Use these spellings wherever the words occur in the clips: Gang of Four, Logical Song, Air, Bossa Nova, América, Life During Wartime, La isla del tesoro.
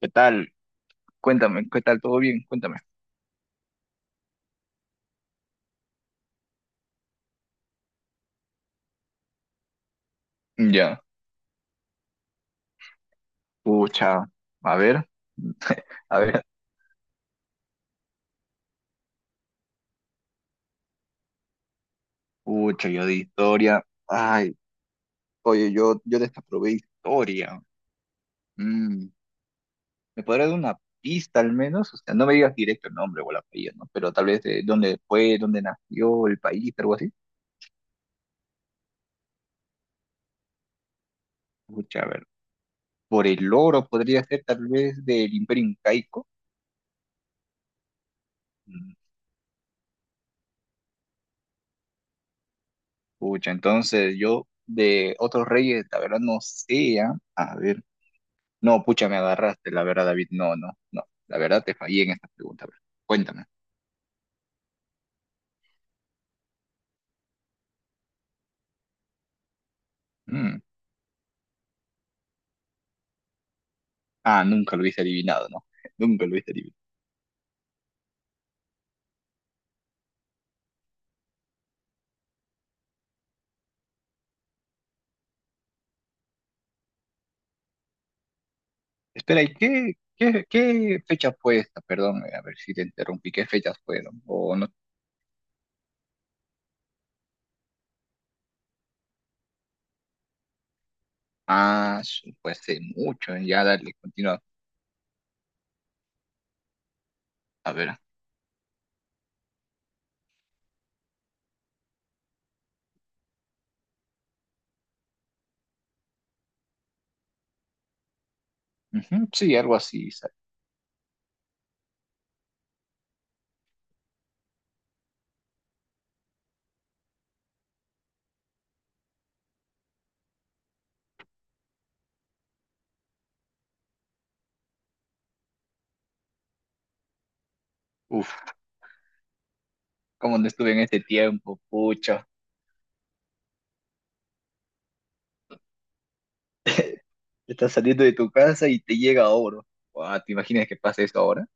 ¿Qué tal? Cuéntame, ¿qué tal? ¿Todo bien? Cuéntame. Ya. Pucha. A ver, a ver. Pucha, yo de historia. Ay, oye, yo desaprobé historia. Mm, ¿Me podrás dar una pista al menos? O sea, no me digas directo el nombre o la apellido, ¿no? Pero tal vez de dónde fue, dónde nació, el país, algo así. Pucha, a ver. Por el oro podría ser tal vez del Imperio Incaico. Mm, Pucha, entonces yo de otros reyes, la verdad no sé, ¿ah? A ver. No, pucha, me agarraste, la verdad, David. No, no, no. La verdad te fallé en esta pregunta, bro. Cuéntame. Mm. Ah, nunca lo hubiese adivinado, ¿no? Nunca lo hubiese adivinado. Espera, ¿y qué fecha fue esta? Perdón, a ver si te interrumpí. ¿Qué fechas fueron? O no. Ah, fue hace mucho. Ya, dale, continúa. A ver. Ujú. Sí, algo así. Uf, cómo no estuve en este tiempo, pucha. Estás saliendo de tu casa y te llega oro. Guau, ¿te imaginas que pase eso ahora?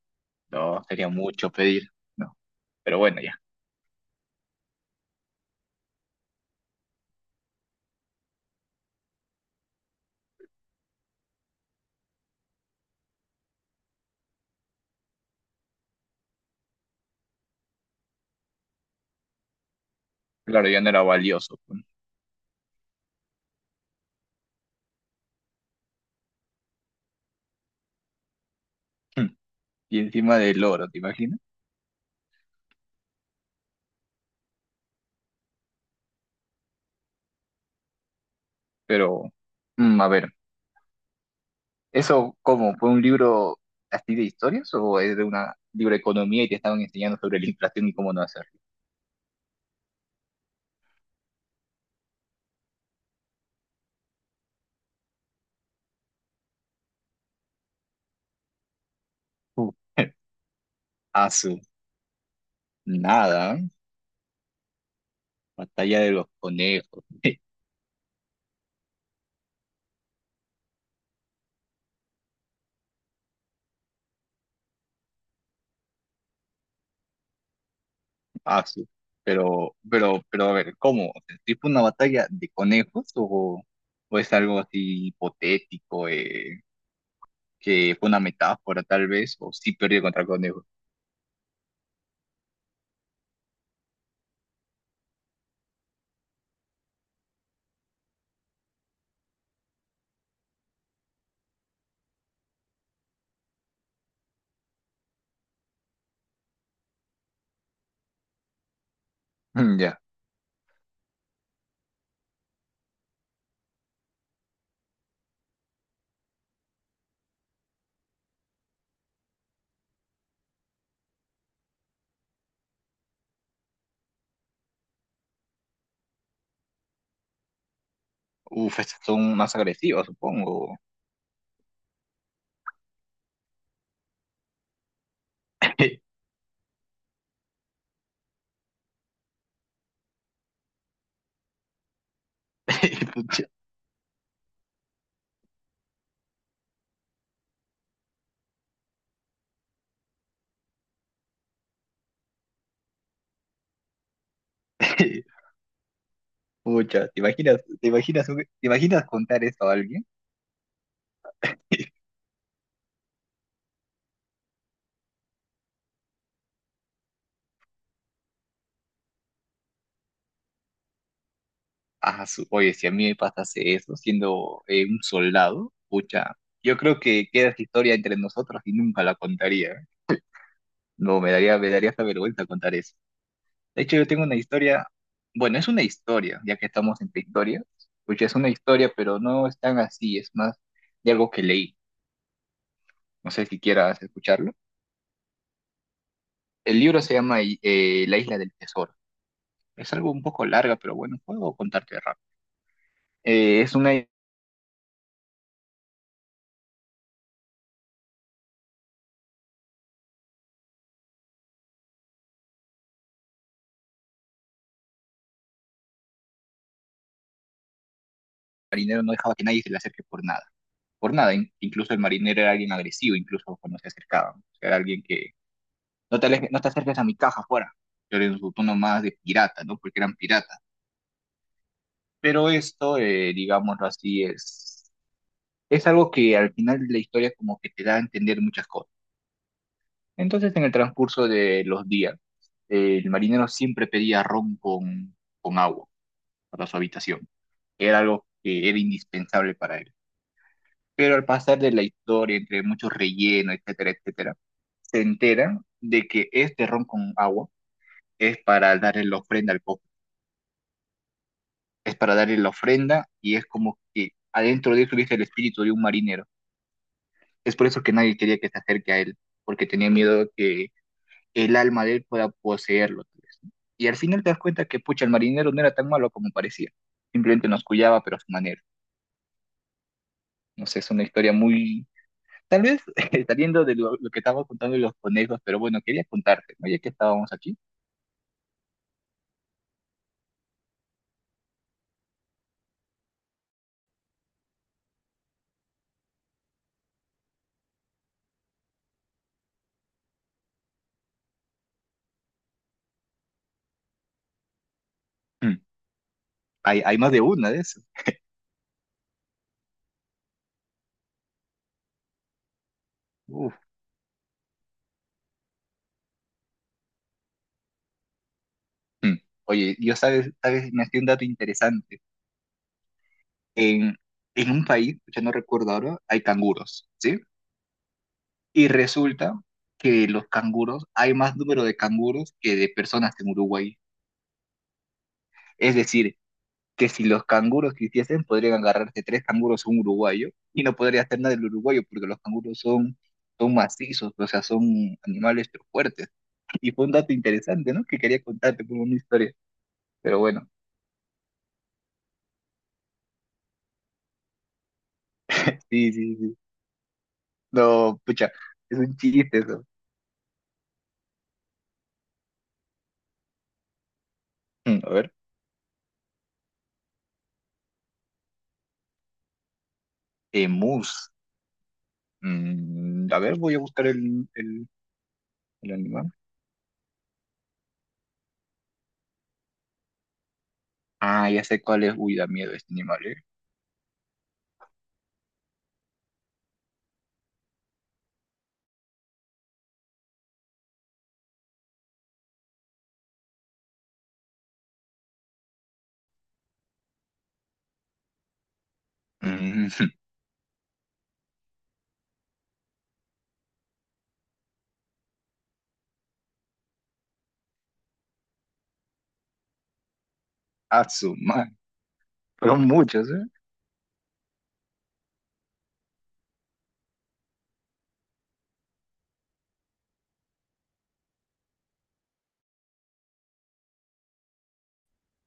No, sería mucho pedir. No, pero bueno, ya. Claro, ya no era valioso, pues. Y encima del oro, ¿te imaginas? Pero, a ver, ¿eso cómo? ¿Fue un libro así de historias o es de una libro de economía y te estaban enseñando sobre la inflación y cómo no hacerlo? Uh. Asu, nada, ¿eh? Batalla de los conejos. Asu. Pero a ver, ¿cómo? O sea, ¿sí fue una batalla de conejos o es algo así hipotético, que fue una metáfora tal vez, o sí perdió contra conejos? Ya. Uf, estas son más agresivos, supongo. Pucha. Pucha, te imaginas contar eso a alguien? Ah, oye, si a mí me pasase eso siendo un soldado, pucha, yo creo que queda esta historia entre nosotros y nunca la contaría, ¿eh? No, me daría hasta vergüenza contar eso. De hecho, yo tengo una historia, bueno, es una historia, ya que estamos en Victoria, pucha, es una historia, pero no es tan así, es más de algo que leí. No sé si quieras escucharlo. El libro se llama La isla del tesoro. Es algo un poco larga, pero bueno, puedo contarte rápido. Es una marinero no dejaba que nadie se le acerque por nada. Por nada, incluso el marinero era alguien agresivo, incluso cuando se acercaban. O sea, era alguien que no te acerques a mi caja fuera. Pero en su tono más de pirata, ¿no? Porque eran piratas. Pero esto, digámoslo así, es algo que al final de la historia como que te da a entender muchas cosas. Entonces, en el transcurso de los días, el marinero siempre pedía ron con, agua para su habitación. Era algo que era indispensable para él. Pero al pasar de la historia, entre muchos rellenos, etcétera, etcétera, se enteran de que este ron con agua es para darle la ofrenda al cofre, es para darle la ofrenda y es como que adentro de eso hubiese el espíritu de un marinero. Es por eso que nadie quería que se acerque a él, porque tenía miedo que el alma de él pueda poseerlo, tal vez, ¿no? Y al final te das cuenta que, pucha, el marinero no era tan malo como parecía. Simplemente nos cuidaba, pero a su manera. No sé, es una historia muy. Tal vez saliendo de lo que estábamos contando de los conejos, pero bueno, quería contarte, ¿no? Ya que estábamos aquí. Mm, hay más de una de eso. Uf. Mm. Oye, sabes, me hacía un dato interesante. En, en un país, ya no recuerdo ahora, hay canguros, ¿sí? Y resulta que los canguros, hay más número de canguros que de personas en Uruguay. Es decir, que si los canguros quisiesen, podrían agarrarse tres canguros a un uruguayo y no podría hacer nada el uruguayo porque los canguros son macizos, o sea, son animales pero fuertes. Y fue un dato interesante, ¿no? Que quería contarte como una historia. Pero bueno, sí, sí, sí. No, pucha, es un chiste eso. A ver, emus. A ver, voy a buscar el, animal. Ah, ya sé cuál es. Uy, da miedo este animal, ¿eh? Mm, a su madre. Son muchos, ¿eh?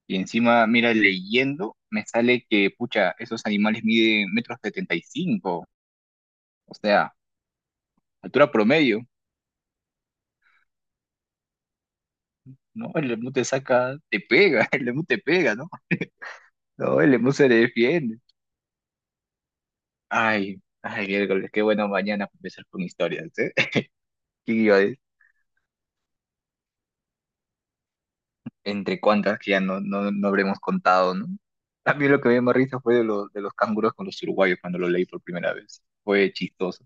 Y encima, mira, leyendo, me sale que, pucha, esos animales miden metros 75, o sea, altura promedio, ¿no? El lemur te saca, te pega, el lemur te pega, ¿no? No, el lemur se defiende. Ay, ay, miércoles, qué bueno mañana para empezar con historias, ¿eh? ¿Qué iba a decir? Entre cuantas que ya no habremos contado, ¿no? A mí lo que me dio más risa fue de los canguros con los uruguayos cuando lo leí por primera vez. Fue chistoso.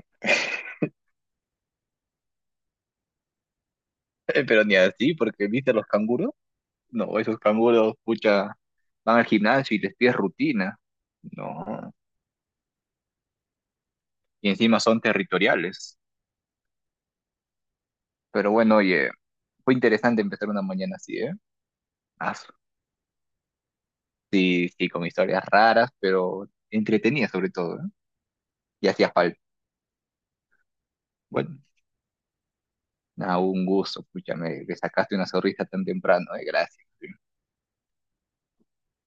Pero ni así, porque viste a los canguros. No, esos canguros, pucha, van al gimnasio y les pides rutina. No, y encima son territoriales. Pero bueno, oye, fue interesante empezar una mañana así, ¿eh? Ah, sí, sí, con historias raras, pero entretenidas sobre todo, ¿eh? Y hacía falta. Bueno, nada, un gusto, pucha, me sacaste una sonrisa tan temprano, ¿eh? Gracias.